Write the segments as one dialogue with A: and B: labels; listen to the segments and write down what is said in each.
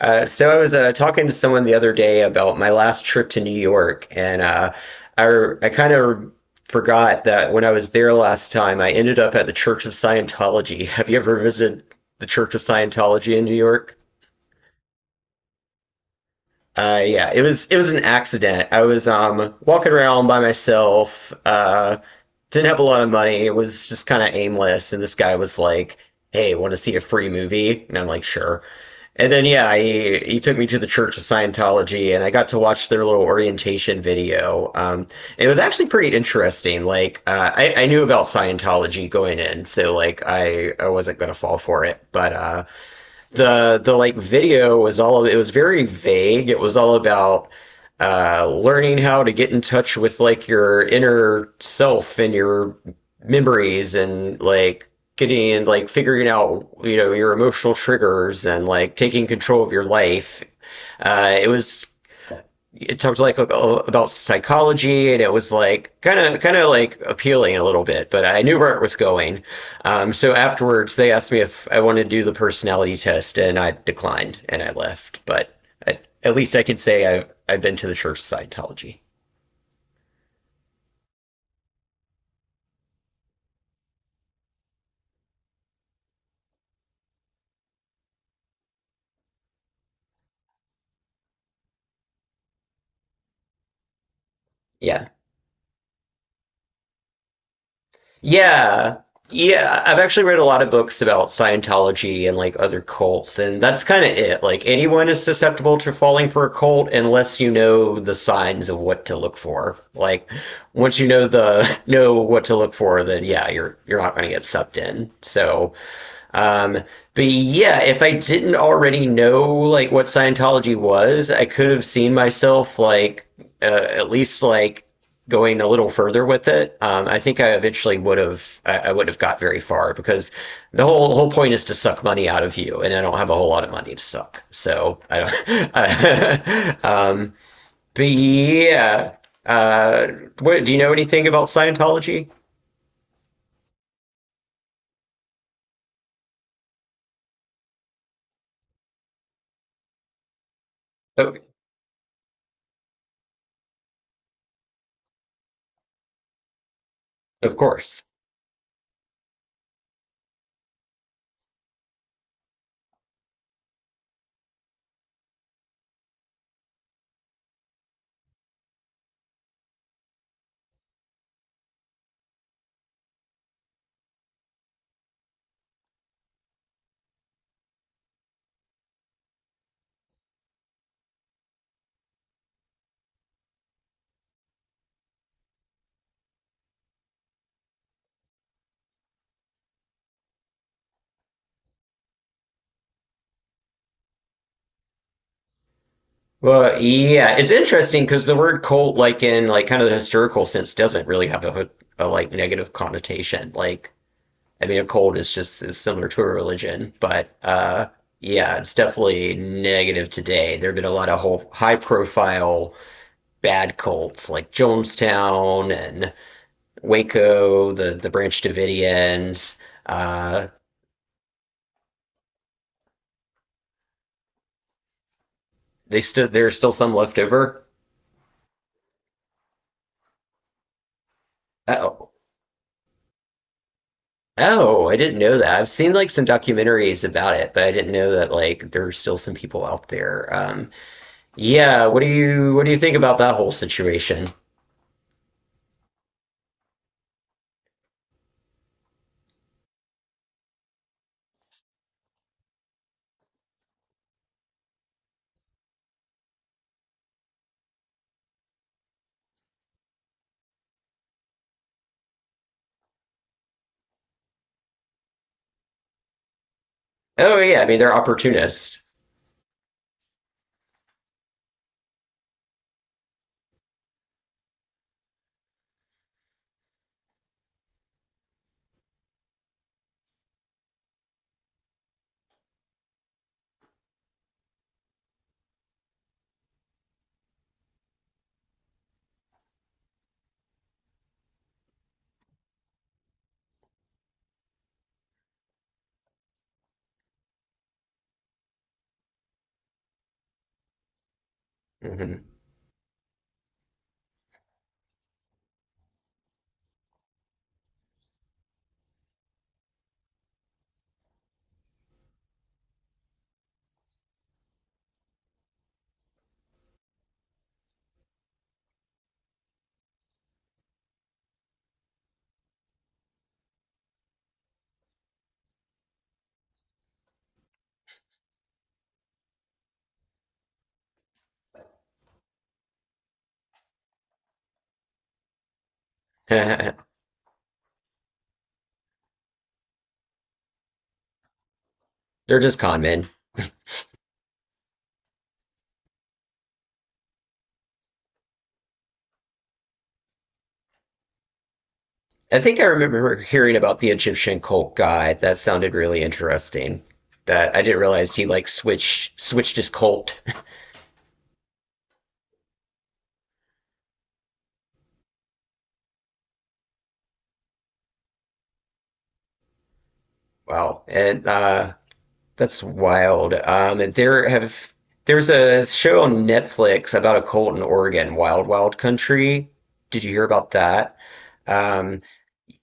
A: So I was talking to someone the other day about my last trip to New York, and I kind of forgot that when I was there last time, I ended up at the Church of Scientology. Have you ever visited the Church of Scientology in New York? Yeah, it was an accident. I was walking around by myself. Didn't have a lot of money. It was just kind of aimless. And this guy was like, "Hey, want to see a free movie?" And I'm like, "Sure." And then yeah, he took me to the Church of Scientology, and I got to watch their little orientation video. It was actually pretty interesting. Like I knew about Scientology going in, so like I wasn't gonna fall for it, but the like video was all It was very vague. It was all about learning how to get in touch with like your inner self and your memories and like getting and like figuring out your emotional triggers and like taking control of your life. Uh, it was it talked like, oh, about psychology and it was like kind of like appealing a little bit, but I knew where it was going. So afterwards they asked me if I wanted to do the personality test and I declined and I left, but at least I can say I've been to the Church of Scientology. Yeah. Yeah. Yeah, I've actually read a lot of books about Scientology and like other cults, and that's kind of it. Like anyone is susceptible to falling for a cult unless you know the signs of what to look for. Like once you know the know what to look for, then yeah, you're not going to get sucked in. Um, but yeah, if I didn't already know like what Scientology was, I could have seen myself like at least like going a little further with it. I think I eventually would have I would have got very far because the whole point is to suck money out of you, and I don't have a whole lot of money to suck, so I don't. But yeah, uh, do you know anything about Scientology? Oh, of course. Well, yeah, it's interesting because the word cult, like in like kind of the historical sense, doesn't really have a like negative connotation. Like, I mean, a cult is just is similar to a religion, but yeah, it's definitely negative today. There have been a lot of whole high profile bad cults like Jonestown and Waco, the Branch Davidians. Uh, they still There's still some left over. Uh, Oh, I didn't know that. I've seen like some documentaries about it, but I didn't know that like there's still some people out there. Yeah, what do you think about that whole situation? Oh yeah, I mean they're opportunists. Hmm. They're just con men. I think I remember hearing about the Egyptian cult guy. That sounded really interesting. That I didn't realize he like switched his cult. Wow. And that's wild. And there have There's a show on Netflix about a cult in Oregon, Wild Wild Country. Did you hear about that? Um,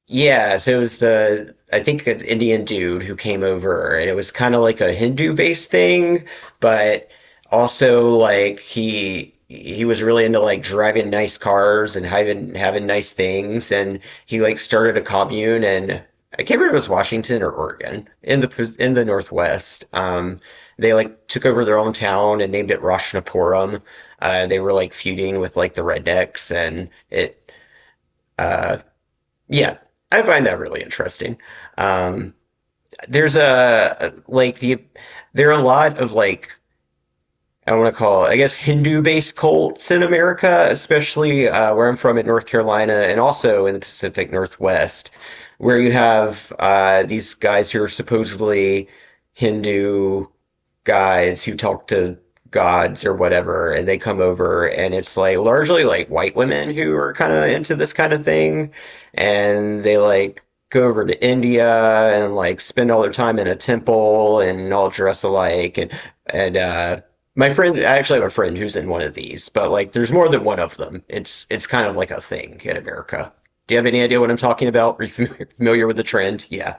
A: yeah, so it was the I think the Indian dude who came over, and it was kind of like a Hindu-based thing, but also like he was really into like driving nice cars and having nice things, and he like started a commune, and I can't remember if it was Washington or Oregon in the Northwest. They like took over their own town and named it Roshnapuram. They were like feuding with like the rednecks, and it uh, yeah, I find that really interesting. Um, there's a like the there are a lot of like I want to call it, I guess, Hindu-based cults in America, especially where I'm from in North Carolina and also in the Pacific Northwest, where you have these guys who are supposedly Hindu guys who talk to gods or whatever, and they come over, and it's like largely like white women who are kind of into this kind of thing, and they like go over to India and like spend all their time in a temple and all dress alike, and and uh, my friend, I actually have a friend who's in one of these, but like there's more than one of them. It's kind of like a thing in America. Do you have any idea what I'm talking about? Are you familiar with the trend? Yeah.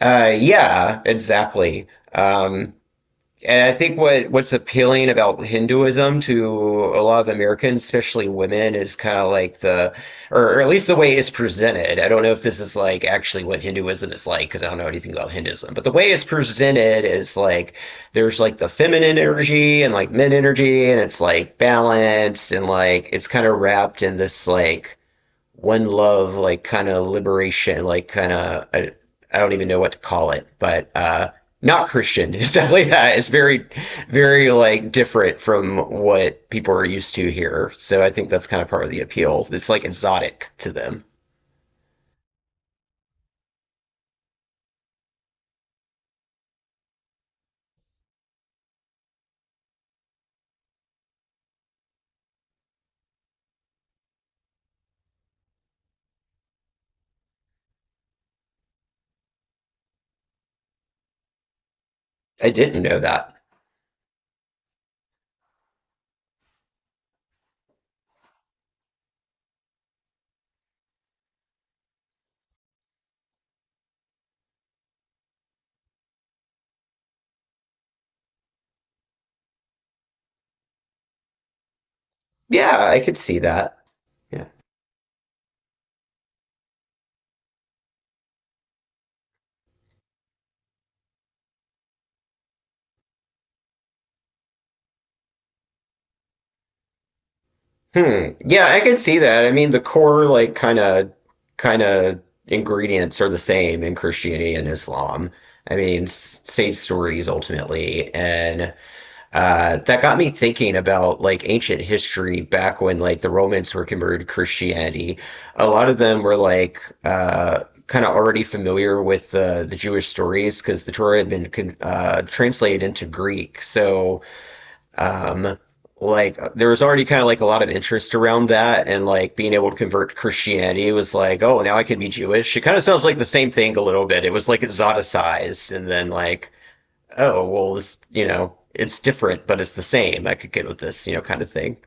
A: Yeah, exactly. Um, And I think what's appealing about Hinduism to a lot of Americans, especially women, is kind of like the, or at least the way it's presented. I don't know if this is like actually what Hinduism is like because I don't know anything about Hinduism, but the way it's presented is like there's like the feminine energy and like men energy, and it's like balanced and like it's kind of wrapped in this like one love like kind of liberation like kind of I don't even know what to call it, but not Christian. It's definitely that. It's very like different from what people are used to here, so I think that's kind of part of the appeal. It's like exotic to them. I didn't know that. Yeah, I could see that. Yeah. Hmm, yeah, I could see that. I mean the core like kind of ingredients are the same in Christianity and Islam. I mean, same stories ultimately, and that got me thinking about like ancient history back when like the Romans were converted to Christianity. A lot of them were like kind of already familiar with the Jewish stories because the Torah had been con translated into Greek. Um, like there was already kind of like a lot of interest around that, and like being able to convert to Christianity was like, oh, now I can be Jewish. It kind of sounds like the same thing a little bit. It was like exoticized, and then like, oh, well, this, you know, it's different, but it's the same. I could get with this, you know, kind of thing.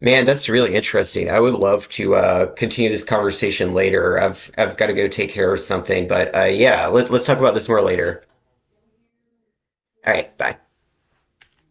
A: Man, that's really interesting. I would love to continue this conversation later. I've got to go take care of something, but yeah, let's talk about this more later. All right, bye.